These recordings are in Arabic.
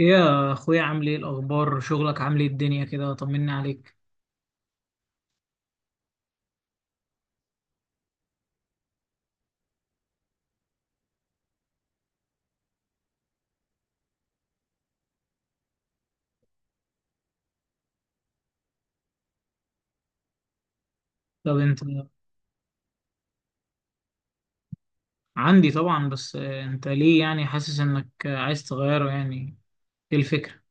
ايه يا اخويا، عامل ايه؟ الاخبار؟ شغلك عامل ايه؟ الدنيا كده؟ طمني عليك. طب انت؟ عندي طبعا، بس انت ليه يعني حاسس انك عايز تغيره يعني؟ ايه الفكرة؟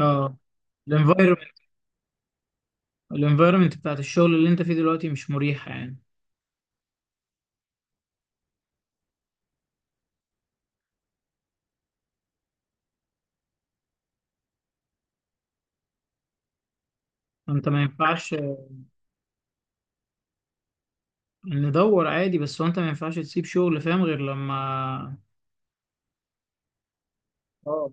اه، الانفايرمنت. الانفايرمنت بتاعت الشغل اللي انت فيه دلوقتي مش مريحة يعني. انت ما ينفعش ندور عادي، بس هو انت ما ينفعش تسيب شغل، فاهم، غير لما اه.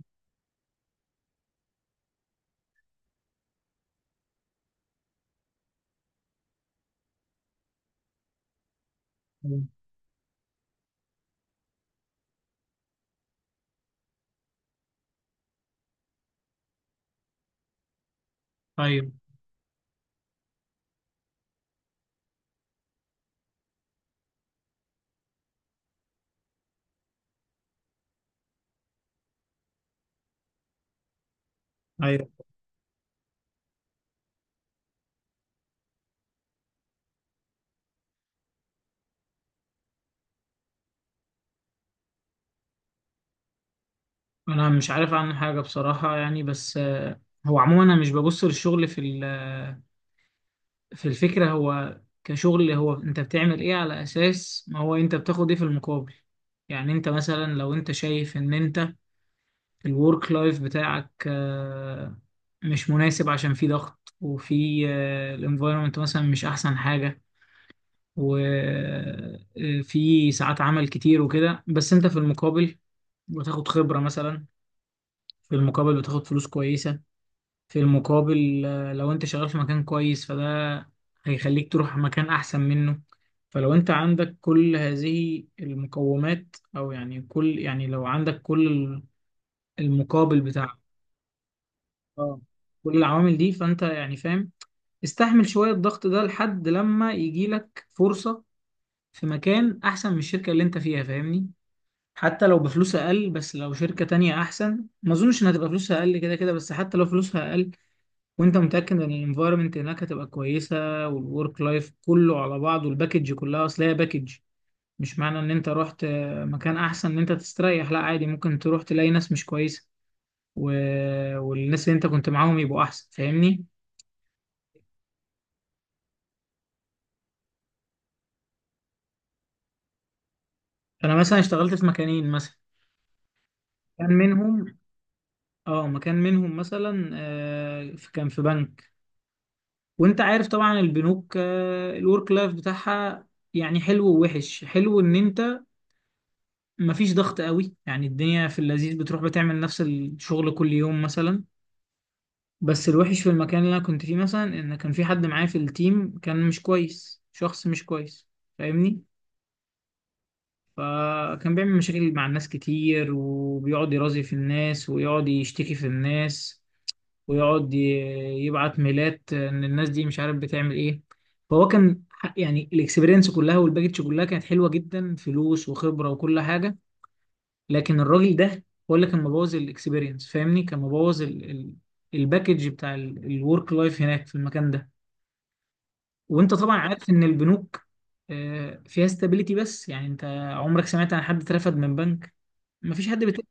ايوه ايوه. انا مش عارف عنه حاجة بصراحة يعني، بس هو عموما انا مش ببص للشغل في الفكرة. هو كشغل، هو انت بتعمل ايه على اساس ما هو انت بتاخد ايه في المقابل. يعني انت مثلا، لو انت شايف ان انت الورك لايف بتاعك مش مناسب عشان في ضغط، وفي الانفايرمنت مثلا مش احسن حاجة، وفي ساعات عمل كتير وكده، بس انت في المقابل بتاخد خبرة مثلا، في المقابل بتاخد فلوس كويسة، في المقابل لو انت شغال في مكان كويس فده هيخليك تروح مكان احسن منه. فلو انت عندك كل هذه المقومات او يعني كل، يعني لو عندك كل المقابل بتاع، اه، كل العوامل دي، فانت يعني فاهم. استحمل شوية الضغط ده لحد لما يجي لك فرصة في مكان احسن من الشركة اللي انت فيها، فاهمني؟ حتى لو بفلوس اقل، بس لو شركة تانية احسن ما اظنش انها تبقى فلوسها اقل، كده كده، بس حتى لو فلوسها اقل وانت متاكد ان الانفايرمنت هناك هتبقى كويسه، والورك لايف كله على بعضه، الباكج كلها، اصل هي باكج. مش معنى ان انت رحت مكان احسن ان انت تستريح، لا عادي، ممكن تروح تلاقي ناس مش كويسه و... والناس اللي انت كنت معاهم يبقوا احسن، فاهمني؟ انا مثلا اشتغلت في مكانين مثلا، كان منهم اه، مكان منهم مثلا كان في بنك. وانت عارف طبعا البنوك، آه، الورك لايف بتاعها يعني حلو ووحش. حلو ان انت مفيش ضغط قوي، يعني الدنيا في اللذيذ، بتروح بتعمل نفس الشغل كل يوم مثلا. بس الوحش في المكان اللي انا كنت فيه مثلا، ان كان في حد معايا في التيم كان مش كويس، شخص مش كويس، فاهمني؟ فكان بيعمل مشاكل مع الناس كتير، وبيقعد يرازي في الناس، ويقعد يشتكي في الناس، ويقعد ي- يبعت ميلات ان الناس دي مش عارف بتعمل ايه. فهو كان يعني الاكسبيرينس كلها والباكج كلها كانت حلوة جدا، فلوس وخبرة وكل حاجة، لكن الراجل ده هو اللي كان مبوظ الاكسبيرينس، فاهمني؟ كان مبوظ الباكج بتاع الورك لايف هناك في المكان ده. وانت طبعا عارف ان البنوك فيها استابيليتي، بس يعني انت عمرك سمعت عن حد اترفد من بنك؟ مفيش حد بيتقبل.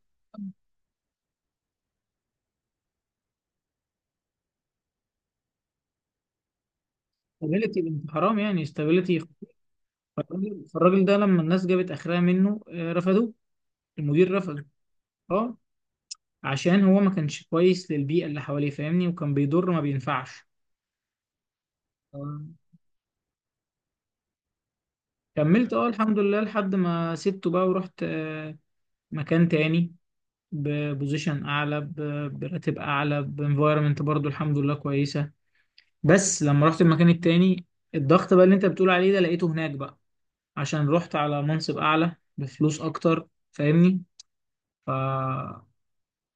استابيليتي، انت حرام، يعني استابيليتي. فالراجل ده لما الناس جابت اخرها منه رفضوه، المدير رفضه. اه، عشان هو ما كانش كويس للبيئة اللي حواليه، فاهمني؟ وكان بيضر، ما بينفعش. آه، كملت اه، الحمد لله، لحد ما سبته بقى، ورحت مكان تاني، ببوزيشن اعلى، براتب اعلى، بانفايرمنت برضو الحمد لله كويسه. بس لما رحت المكان التاني، الضغط بقى اللي انت بتقول عليه ده لقيته هناك بقى، عشان رحت على منصب اعلى بفلوس اكتر، فاهمني؟ فالدنيا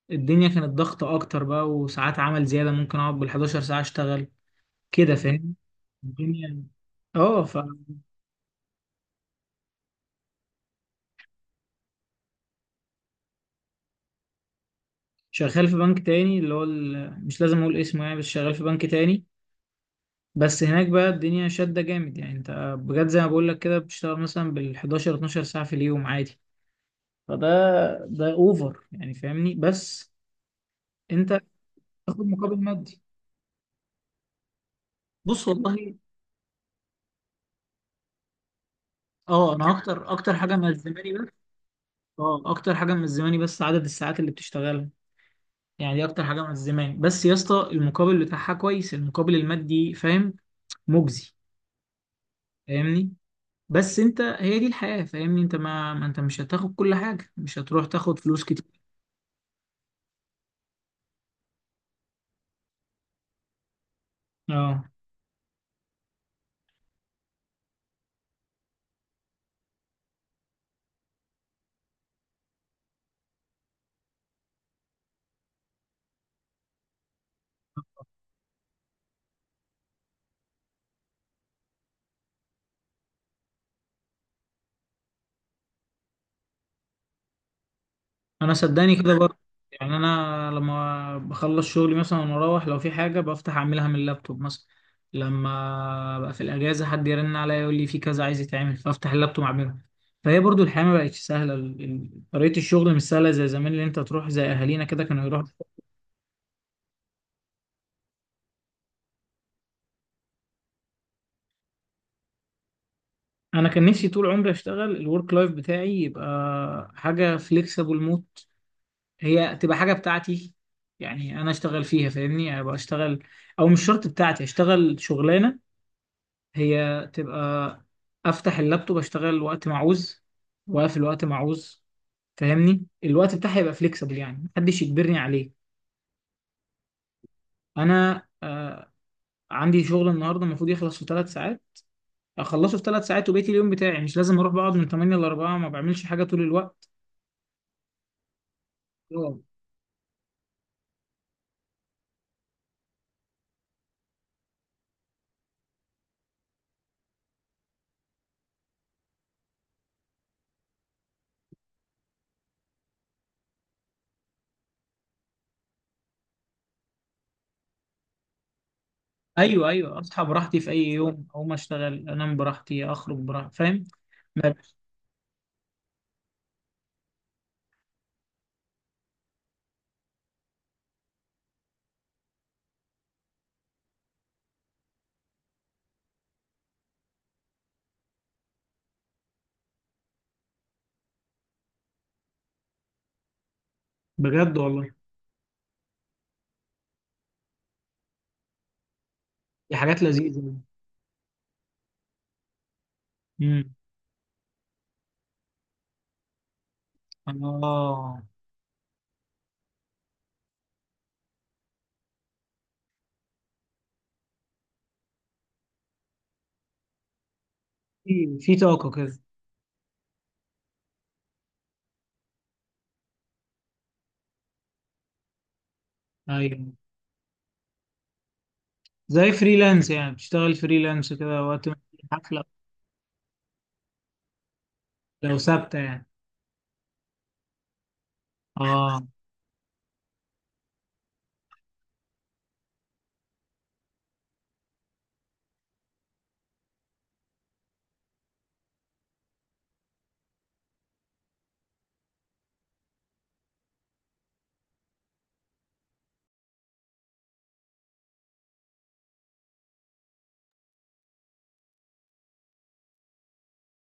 كانت ضغطة اكتر بقى، وساعات عمل زياده، ممكن اقعد بال11 ساعه اشتغل، كده فاهم؟ الدنيا اه. فشغال في بنك تاني، اللي هو مش لازم اقول اسمه يعني، بس شغال في بنك تاني. بس هناك بقى الدنيا شدة جامد، يعني انت بجد زي ما بقول لك كده، بتشتغل مثلا بال 11 12 ساعة في اليوم عادي. فده، ده اوفر يعني، فاهمني؟ بس انت بتاخد مقابل مادي. بص والله، اه، انا اكتر حاجة ملزماني، بس اه اكتر حاجة ملزماني بس عدد الساعات اللي بتشتغلها، يعني دي اكتر حاجة ملزماني، بس يا اسطى المقابل بتاعها كويس، المقابل المادي، فاهم، مجزي، فاهمني؟ بس انت هي دي الحياة، فاهمني؟ انت ما انت مش هتاخد كل حاجة، مش هتروح تاخد فلوس كتير، اه. انا صدقني كده برضه، يعني انا لما بخلص شغلي مثلا واروح، لو في حاجه بفتح اعملها من اللابتوب مثلا. لما بقى في الاجازه حد يرن عليا يقول لي في كذا عايز يتعمل، فافتح اللابتوب اعملها. فهي برضو الحياه ما بقتش سهله، طريقه الشغل مش سهله زي زمان، اللي انت تروح زي اهالينا كده كانوا يروحوا. انا كان نفسي طول عمري اشتغل الورك لايف بتاعي يبقى حاجه فليكسبل موت، هي تبقى حاجه بتاعتي يعني انا اشتغل فيها، فاهمني؟ يعني ابقى اشتغل، او مش شرط بتاعتي، اشتغل شغلانه هي تبقى، افتح اللابتوب اشتغل وقت ما عاوز، واقفل وقت ما عاوز، فاهمني؟ الوقت بتاعي يبقى فليكسبل، يعني محدش يجبرني عليه. انا آه، عندي شغل النهارده المفروض يخلص في ثلاث ساعات، اخلصه في ثلاث ساعات وبقيت اليوم بتاعي مش لازم اروح بقعد من 8 ل 4، ما بعملش حاجه طول الوقت. أوه. ايوه ايوه، اصحى براحتي في اي يوم، اقوم اشتغل، انام براحتي، اخرج براحتي، فاهم؟ ما- بجد والله، دي حاجات لذيذه. امم اه، في في طاقه كده. ايوه، زي فريلانس يعني، بتشتغل فريلانس كده وقت ما في حفلة. لو ثابتة يعني اه.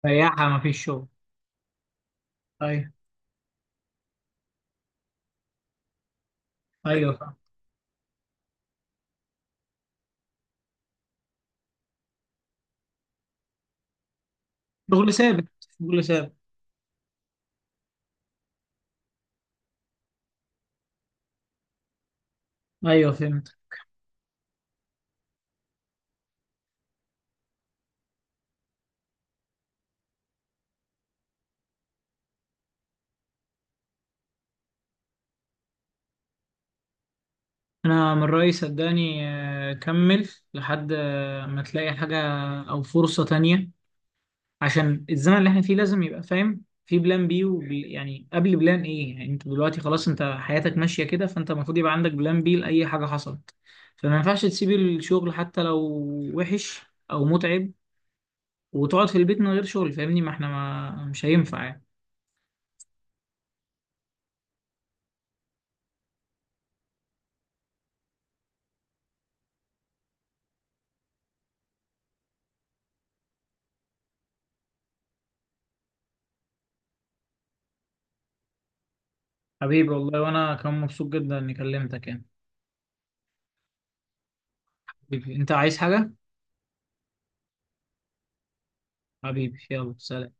سياحة ما فيش شغل. ايوه. ايوه فاهم. شغل ثابت، شغل ثابت. ايوه فهمت. انا من رأيي صدقني كمل لحد ما تلاقي حاجة او فرصة تانية، عشان الزمن اللي احنا فيه لازم يبقى فاهم في بلان بي، يعني قبل بلان، ايه يعني انت دلوقتي خلاص انت حياتك ماشية كده، فانت المفروض يبقى عندك بلان بي لأي حاجة حصلت. فما ينفعش تسيب الشغل حتى لو وحش او متعب وتقعد في البيت من غير شغل، فاهمني؟ ما احنا ما مش هينفع يعني. حبيبي والله، وانا كان مبسوط جدا اني كلمتك يعني. حبيبي، انت عايز حاجة؟ حبيبي، يلا سلام.